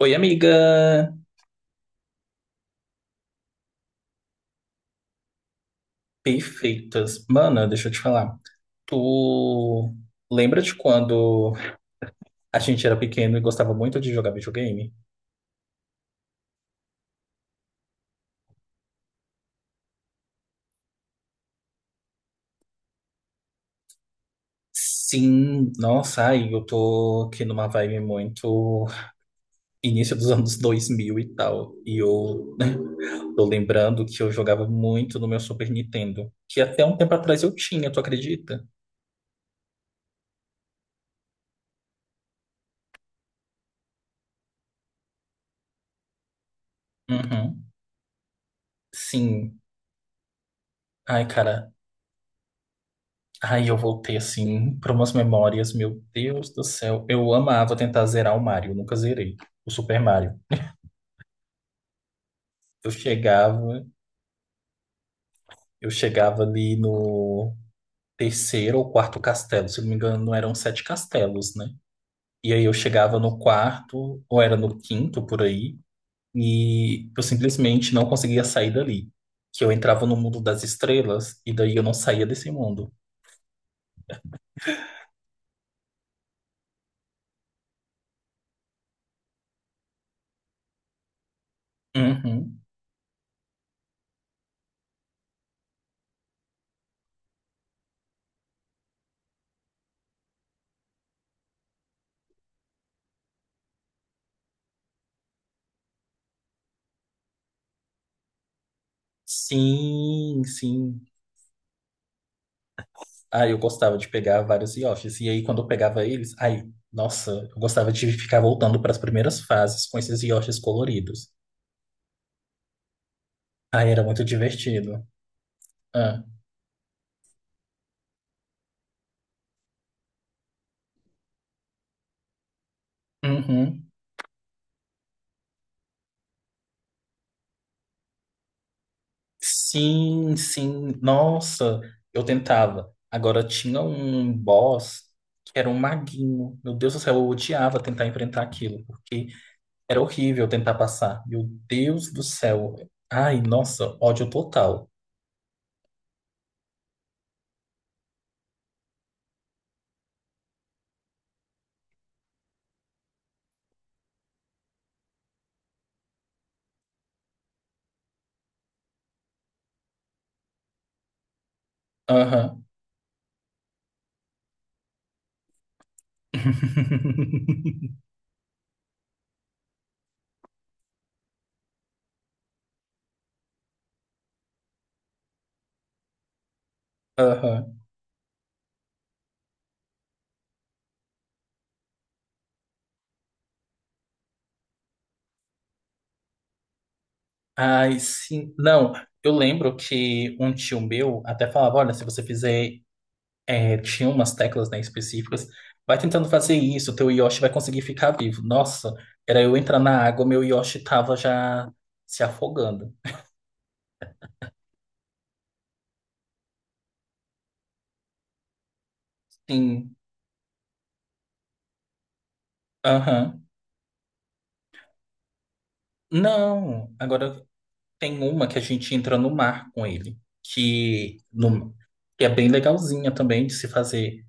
Oi, amiga! Perfeitas. Mana, deixa eu te falar. Tu lembra de quando a gente era pequeno e gostava muito de jogar videogame? Sim, nossa, ai, eu tô aqui numa vibe muito início dos anos 2000 e tal. E eu tô lembrando que eu jogava muito no meu Super Nintendo, que até um tempo atrás eu tinha, tu acredita? Uhum. Sim. Ai, cara, aí eu voltei assim para umas memórias, meu Deus do céu. Eu amava tentar zerar o Mario, eu nunca zerei o Super Mario. Eu chegava, eu chegava ali no terceiro ou quarto castelo, se não me engano, eram sete castelos, né? E aí eu chegava no quarto, ou era no quinto por aí, e eu simplesmente não conseguia sair dali. Que eu entrava no mundo das estrelas e daí eu não saía desse mundo. Uhum. Sim, sim. Ah, eu gostava de pegar vários Yoshis. E aí, quando eu pegava eles, aí, nossa, eu gostava de ficar voltando para as primeiras fases com esses Yoshis coloridos. Aí era muito divertido. Ah. Uhum. Sim, sim. Nossa, eu tentava. Agora tinha um boss que era um maguinho. Meu Deus do céu, eu odiava tentar enfrentar aquilo, porque era horrível tentar passar. Meu Deus do céu. Ai, nossa, ódio total. Aham. Aham. Ai, sim. Não, eu lembro que um tio meu até falava: olha, se você fizer. É, tinha umas teclas, né, específicas, vai tentando fazer isso, teu Yoshi vai conseguir ficar vivo. Nossa, era eu entrar na água, meu Yoshi tava já se afogando. Sim. Aham. Não, agora tem uma que a gente entra no mar com ele, que, no, que é bem legalzinha também de se fazer.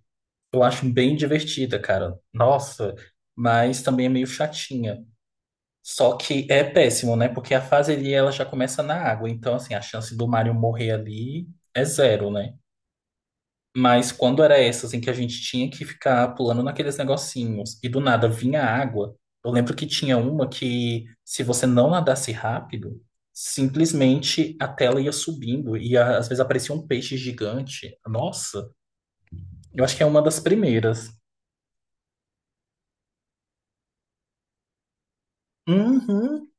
Eu acho bem divertida, cara. Nossa, mas também é meio chatinha. Só que é péssimo, né? Porque a fase ali ela já começa na água, então assim, a chance do Mario morrer ali é zero, né? Mas quando era essa, assim, que a gente tinha que ficar pulando naqueles negocinhos e do nada vinha água, eu lembro que tinha uma que se você não nadasse rápido, simplesmente a tela ia subindo e às vezes aparecia um peixe gigante. Nossa, eu acho que é uma das primeiras. Uhum,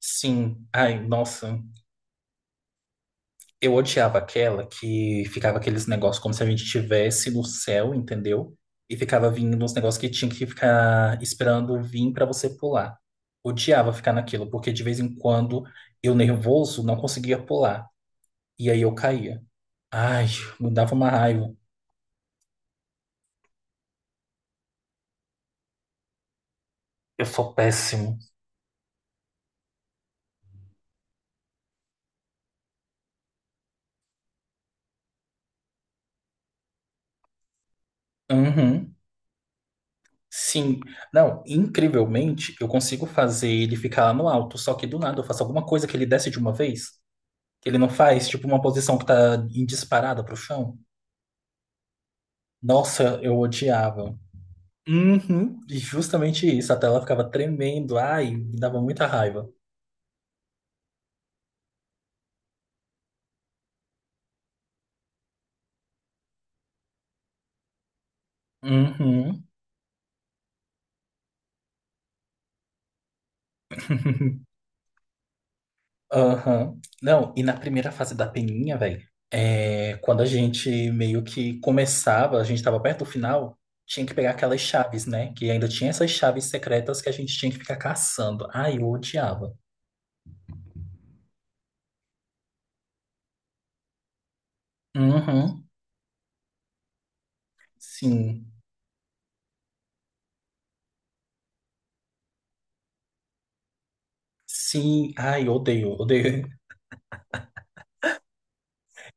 sim. Ai, nossa. Eu odiava aquela que ficava aqueles negócios como se a gente estivesse no céu, entendeu? E ficava vindo uns negócios que tinha que ficar esperando vir pra você pular. Odiava ficar naquilo, porque de vez em quando eu nervoso não conseguia pular. E aí eu caía. Ai, me dava uma raiva. Eu sou péssimo. Uhum. Sim. Não, incrivelmente, eu consigo fazer ele ficar lá no alto, só que do nada eu faço alguma coisa que ele desce de uma vez, que ele não faz, tipo uma posição que tá em disparada pro chão. Nossa, eu odiava. Uhum. E justamente isso, a tela ficava tremendo, ai, me dava muita raiva. Uhum. Aham. Não, e na primeira fase da peninha, velho, é, quando a gente meio que começava, a gente tava perto do final, tinha que pegar aquelas chaves, né? Que ainda tinha essas chaves secretas que a gente tinha que ficar caçando. Ai, eu odiava. Uhum. Sim, sim, ai, eu odeio, odeio.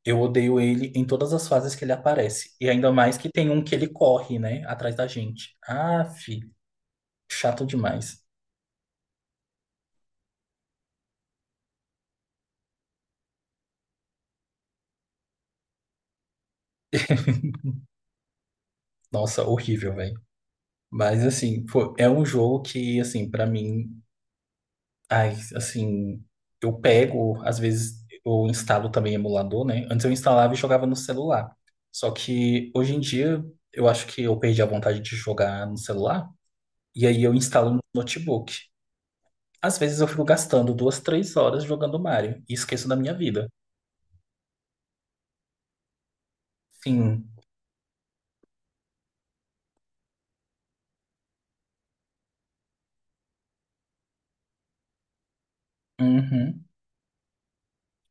Eu odeio ele em todas as fases que ele aparece. E ainda mais que tem um que ele corre, né? Atrás da gente. Aff, chato demais. Nossa, horrível, velho. Mas, assim, pô, é um jogo que, assim, pra mim... Ai, assim... Eu pego, às vezes, eu instalo também emulador, né? Antes eu instalava e jogava no celular. Só que, hoje em dia, eu acho que eu perdi a vontade de jogar no celular. E aí eu instalo no notebook. Às vezes eu fico gastando 2, 3 horas jogando Mario. E esqueço da minha vida. Sim. Uhum.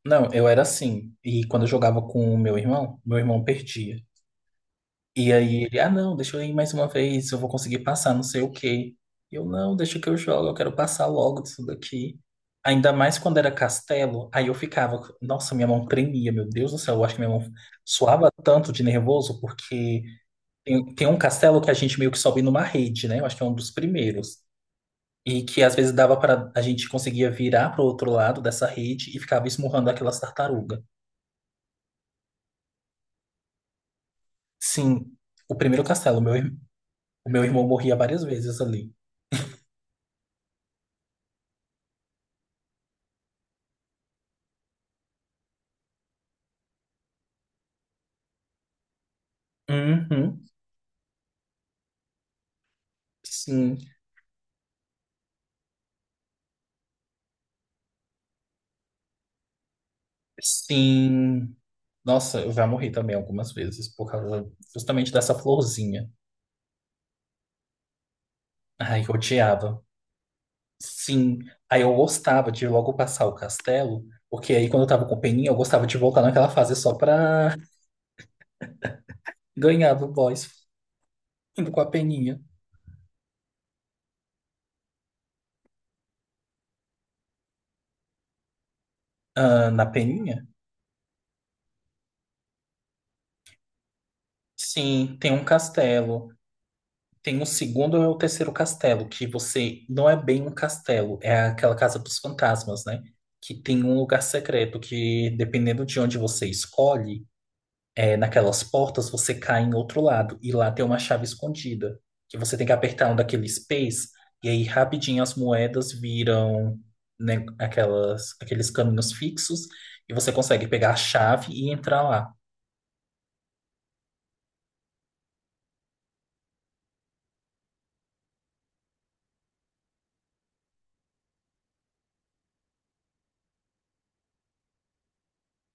Não, eu era assim. E quando eu jogava com o meu irmão perdia. E aí ele, ah, não, deixa eu ir mais uma vez, eu vou conseguir passar, não sei o quê. E eu, não, deixa que eu jogo, eu quero passar logo disso daqui. Ainda mais quando era castelo, aí eu ficava, nossa, minha mão tremia, meu Deus do céu, eu acho que minha mão suava tanto de nervoso, porque tem um castelo que a gente meio que sobe numa rede, né? Eu acho que é um dos primeiros. E que às vezes dava para a gente conseguia virar para o outro lado dessa rede e ficava esmurrando aquelas tartarugas. Sim, o primeiro castelo, meu, o meu irmão morria várias vezes ali. Uhum, sim, sim. Nossa, eu já morri também algumas vezes por causa justamente dessa florzinha. Ai, eu odiava. Sim, aí eu gostava de logo passar o castelo, porque aí quando eu tava com peninha, eu gostava de voltar naquela fase só pra ganhar do boss, indo com a peninha. Ah, na peninha? Sim, tem um castelo. Tem o segundo e o terceiro castelo, que você não é bem um castelo, é aquela casa dos fantasmas, né? Que tem um lugar secreto que, dependendo de onde você escolhe, é, naquelas portas você cai em outro lado. E lá tem uma chave escondida, que você tem que apertar um daqueles pés, e aí rapidinho as moedas viram, né, aquelas, aqueles caminhos fixos, e você consegue pegar a chave e entrar lá.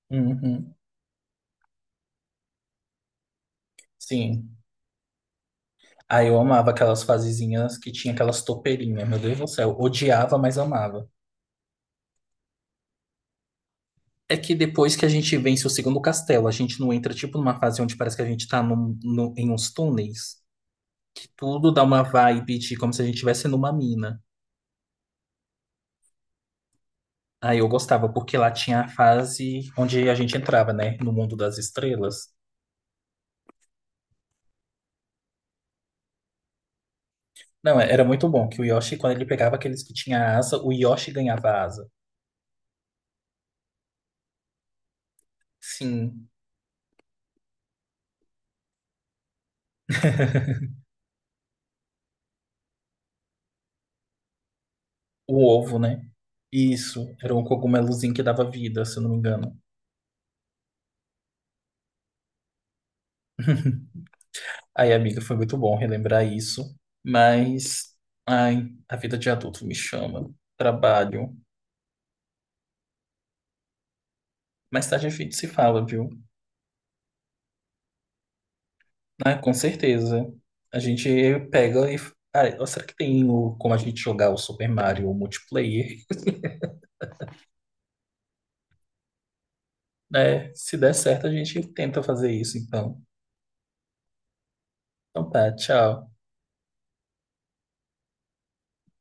Uhum, sim. Ah, eu amava aquelas fasezinhas que tinha aquelas topeirinhas, meu Deus do céu. Odiava, mas amava. É que depois que a gente vence o segundo castelo, a gente não entra tipo numa fase onde parece que a gente tá em uns túneis, que tudo dá uma vibe de como se a gente estivesse numa mina. Aí eu gostava, porque lá tinha a fase onde a gente entrava, né, no mundo das estrelas. Não, é, era muito bom que o Yoshi, quando ele pegava aqueles que tinha asa, o Yoshi ganhava asa. Sim, o ovo, né? Isso, era um cogumelozinho que dava vida, se eu não me engano. Aí amiga, foi muito bom relembrar isso, mas ai, a vida de adulto me chama. Trabalho. Mais tarde a gente se fala, viu? Ah, com certeza. A gente pega e. Ah, será que tem como a gente jogar o Super Mario multiplayer? Né? Se der certo, a gente tenta fazer isso, então. Então tá, tchau.